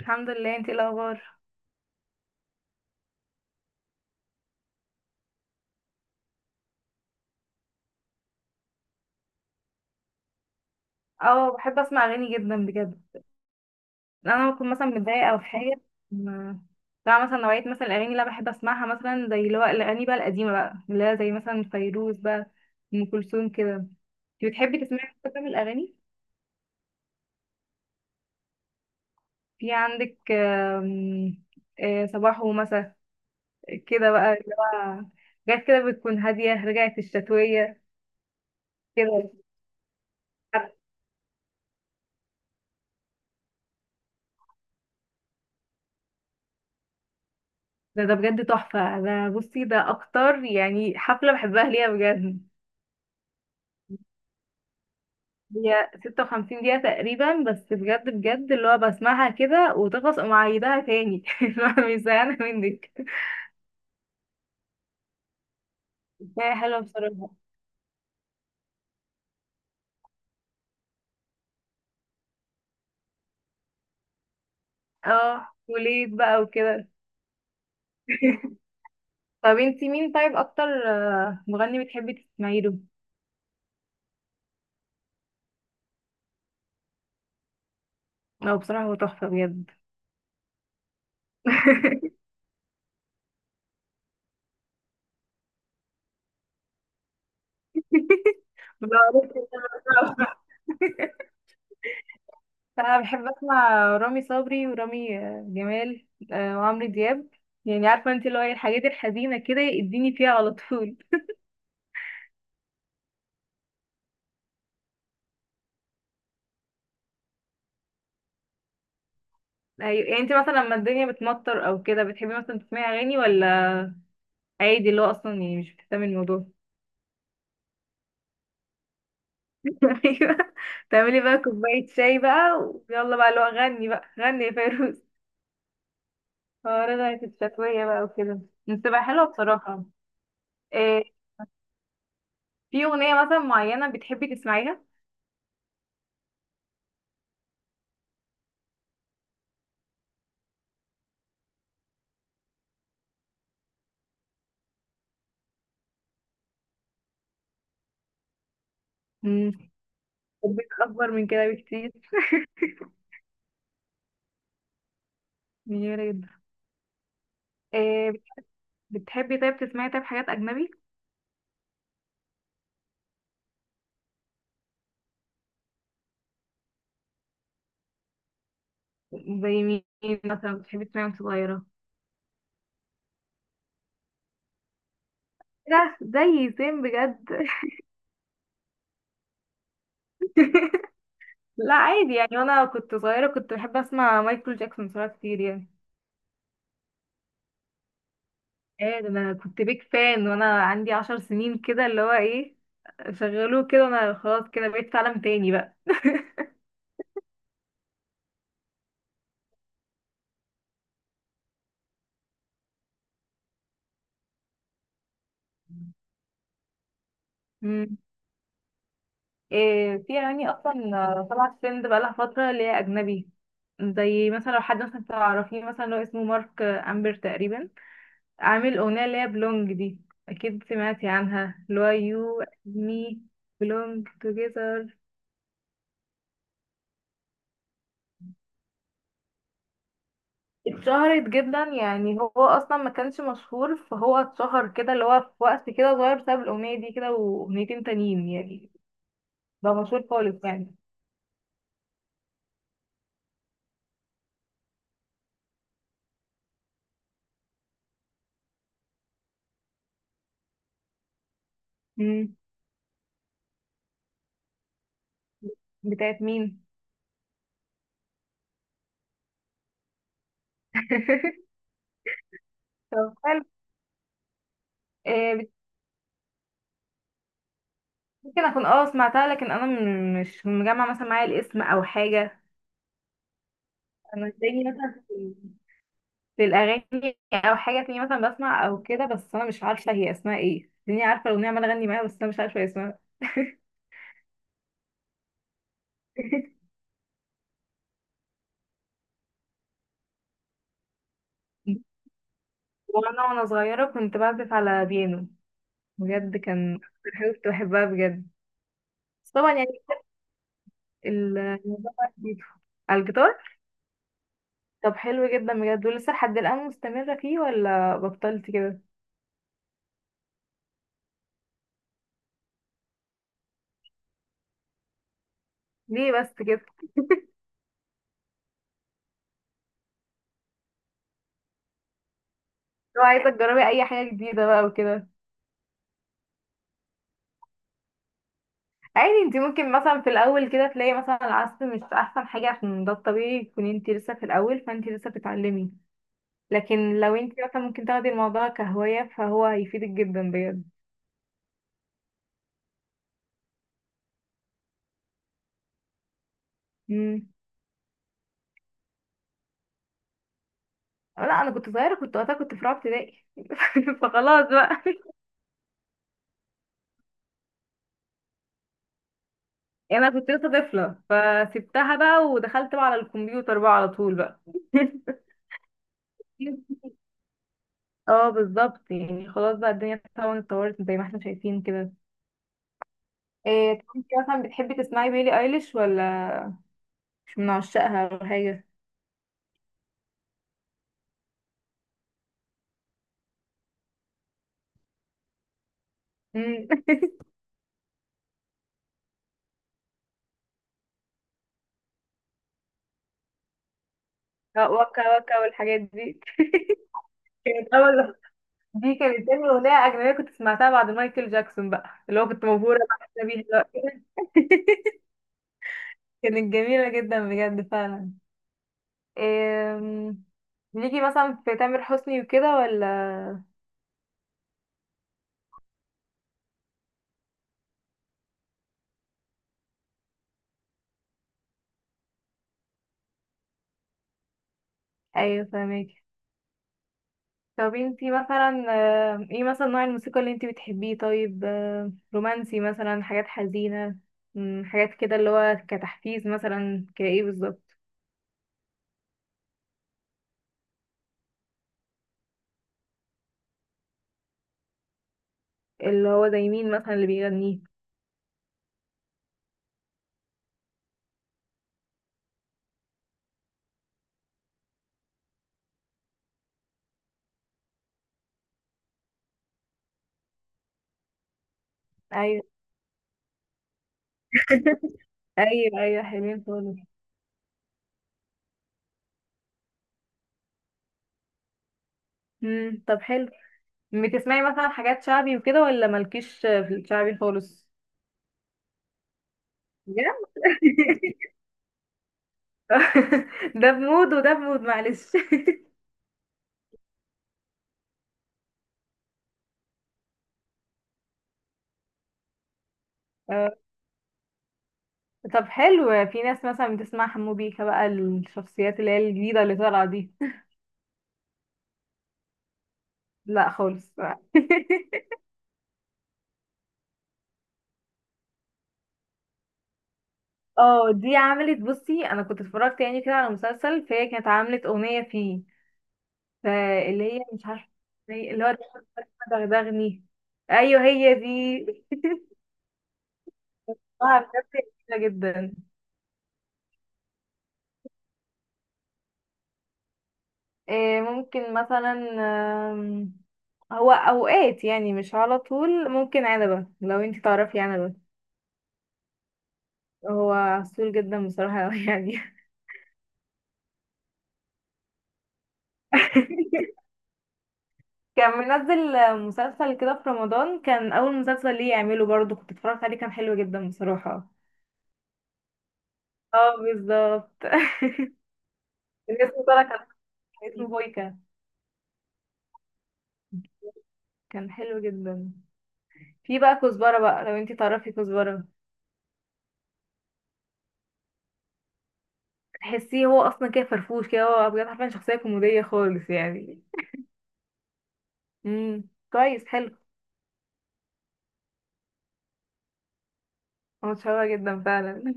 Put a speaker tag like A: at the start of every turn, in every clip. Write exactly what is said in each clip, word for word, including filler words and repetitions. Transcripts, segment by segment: A: الحمد لله، انتي ايه الاخبار؟ اه، بحب اسمع اغاني جدا بجد. انا بكون مثلا متضايقه او في حاجه ما- بتاع مثلا نوعيه مثلا الاغاني اللي انا بحب اسمعها مثلا زي اللي هو الاغاني بقى القديمه بقى اللي هي زي مثلا فيروز بقى ام كلثوم كده. انتي بتحبي تسمعي كده من الاغاني؟ في عندك آم، آه، صباح ومساء كده بقى اللي هو حاجات كده بتكون هاديه، رجعت الشتويه كده. ده ده بجد تحفه، ده بصي ده اكتر يعني حفله بحبها ليها بجد. هي 56 دقيقة تقريبا، بس بجد بجد اللي هو بسمعها كده وتخلص أقوم عيدها تاني. اللي هو مش زهقانة منك. هي حلوة بصراحة. اه، وليد بقى وكده. طب انتي مين طيب أكتر آه، مغني بتحبي تسمعي له؟ هو بصراحة هو تحفة بجد. بعرف إن أنا بسمعه. أنا بحب أسمع رامي صبري ورامي آه، جمال، آه، وعمرو دياب. يعني عارفة انتي اللي هو إيه، الحاجات الحزينة كده يديني فيها على طول. أيوة. يعني انت مثلا لما الدنيا بتمطر او كده بتحبي مثلا تسمعي اغاني، ولا عادي اللي هو اصلا يعني مش بتهتمي الموضوع؟ ايوه، تعملي بقى كوبايه شاي بقى ويلا بقى اللي هو غني بقى، غني يا فيروز. اه، رجعت الشتويه بقى وكده، بتبقى حلوه بصراحه. إيه، في اغنيه مثلا معينه بتحبي تسمعيها؟ امم حبيت اكبر من كده بكتير. جميله جدا. إيه بت- بتحبي طيب تسمعي طيب حاجات اجنبي؟ زي مين مثلا بتحبي تسمعي وانت صغيره؟ إيه ده، زي سيم بجد. لا عادي، يعني وانا كنت صغيرة كنت بحب اسمع مايكل جاكسون بصراحة كتير يعني. ايه ده، انا كنت بيك فان وانا عندي عشر سنين كده اللي هو ايه. شغلوه كده انا خلاص كده بقيت في عالم تاني بقى. مم. إيه، في اغاني اصلا طلعت ترند بقالها فترة اللي هي اجنبي. زي مثلا لو حد مثلا تعرفيه مثلا اللي هو اسمه مارك امبر تقريبا، عامل اغنية اللي هي بلونج دي. اكيد سمعتي عنها، اللي هو يو مي بلونج together. اتشهرت جدا، يعني هو اصلا ما كانش مشهور فهو اتشهر كده اللي هو في وقت كده صغير بسبب الاغنيه دي كده واغنيتين تانيين يعني. بقى مشهور خالص يعني. امم بتاعت مين؟ طب حلو. آه، بت- ممكن اكون اه سمعتها، لكن انا م- مش مجمع مثلا معايا الاسم او حاجه. انا تلاقيني مثلا في في الاغاني او حاجه، تلاقيني مثلا بسمع او كده، بس انا مش عارفه هي اسمها ايه. تلاقيني عارفه الاغنيه عماله اغني معاها بس انا مش عارفه هي اسمها. وانا وانا صغيره كنت بعزف على بيانو، بجد كان أكتر حاجة كنت بحبها بجد. بس طبعا يعني ال- الموضوع بقى جديد. على الجيتار. طب حلو جدا بجد، ولسه لحد الآن مستمرة فيه ولا بطلت كده؟ ليه بس كده؟ لو عايزة تجربي أي حاجة جديدة بقى وكده. عادي، انتي ممكن مثلا في الأول كده تلاقي مثلا العزف مش أحسن حاجة، عشان ده الطبيعي تكوني انتي لسه في الأول فانتي لسه بتتعلمي. لكن لو انتي مثلا ممكن تاخدي الموضوع كهواية فهو هيفيدك جدا بجد. مم. لا، أنا كنت صغيرة، كنت وقتها كنت في رابعة ابتدائي فخلاص بقى. يعني انا كنت لسه طفله فسبتها بقى ودخلت بقى على الكمبيوتر بقى على طول بقى. اه بالظبط، يعني خلاص بقى الدنيا طبعا اتطورت زي ما احنا شايفين كده. إيه، طب انت مثلا بتحبي تسمعي بيلي ايليش ولا مش من عشاقها ولا حاجه؟ امم آه، وكا وكا والحاجات دي كانت اول دي كانت تاني اغنيه اجنبيه كنت سمعتها بعد مايكل جاكسون بقى، اللي هو كنت مبهوره بقى بيه دلوقتي. كانت جميله جدا بجد فعلا. أم، ليكي مثلا في تامر حسني وكده ولا؟ ايوه فاهمك. طب انتي مثلا أم، ايه مثلا نوع الموسيقى اللي انتي بتحبيه؟ طيب أم، رومانسي مثلا، حاجات حزينة، أم، حاجات كده اللي هو كتحفيز مثلا، كايه بالظبط؟ اللي هو زي مين مثلا اللي بيغنيه؟ ايوه. ايوه ايوه، حلوين خالص. امم طب حلو. بتسمعي مثلا حاجات شعبي وكده، ولا مالكيش في الشعبي خالص؟ بجد؟ ده بمود وده بمود، معلش. آه، طب حلو. في ناس مثلا بتسمع حمو بيكا بقى، الشخصيات اللي هي الجديدة اللي طالعة دي. لا خالص. اه، دي عملت، بصي، انا كنت اتفرجت يعني كده على مسلسل فهي كانت عملت اغنية فيه، فاللي هي مش عارفة زي- اللي هو دغدغني. ايوه هي دي. اه بجد، جميلة جدا. آه، ممكن مثلا آم، هو اوقات يعني مش على طول، ممكن عنبة لو انتي تعرفي عنبة. هو عسول جدا بصراحة يعني. كان منزل مسلسل كده في رمضان، كان أول مسلسل ليه يعمله برضه، كنت اتفرجت عليه، كان حلو جدا بصراحة. اه بالظبط. الاسم طلع كان كان اسمه بويكا. كان حلو جدا. في بقى كزبرة بقى، لو انتي تعرفي كزبرة. تحسيه هو أصلا كده فرفوش كده، هو بجد حرفيا شخصية كوميدية خالص يعني. امم كويس، حلو. هو متشوق جدا فعلا.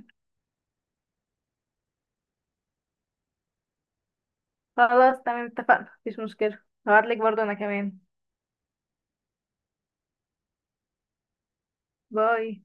A: خلاص تمام، اتفقنا، مفيش مشكلة. هبعتلك برضه أنا كمان. باي.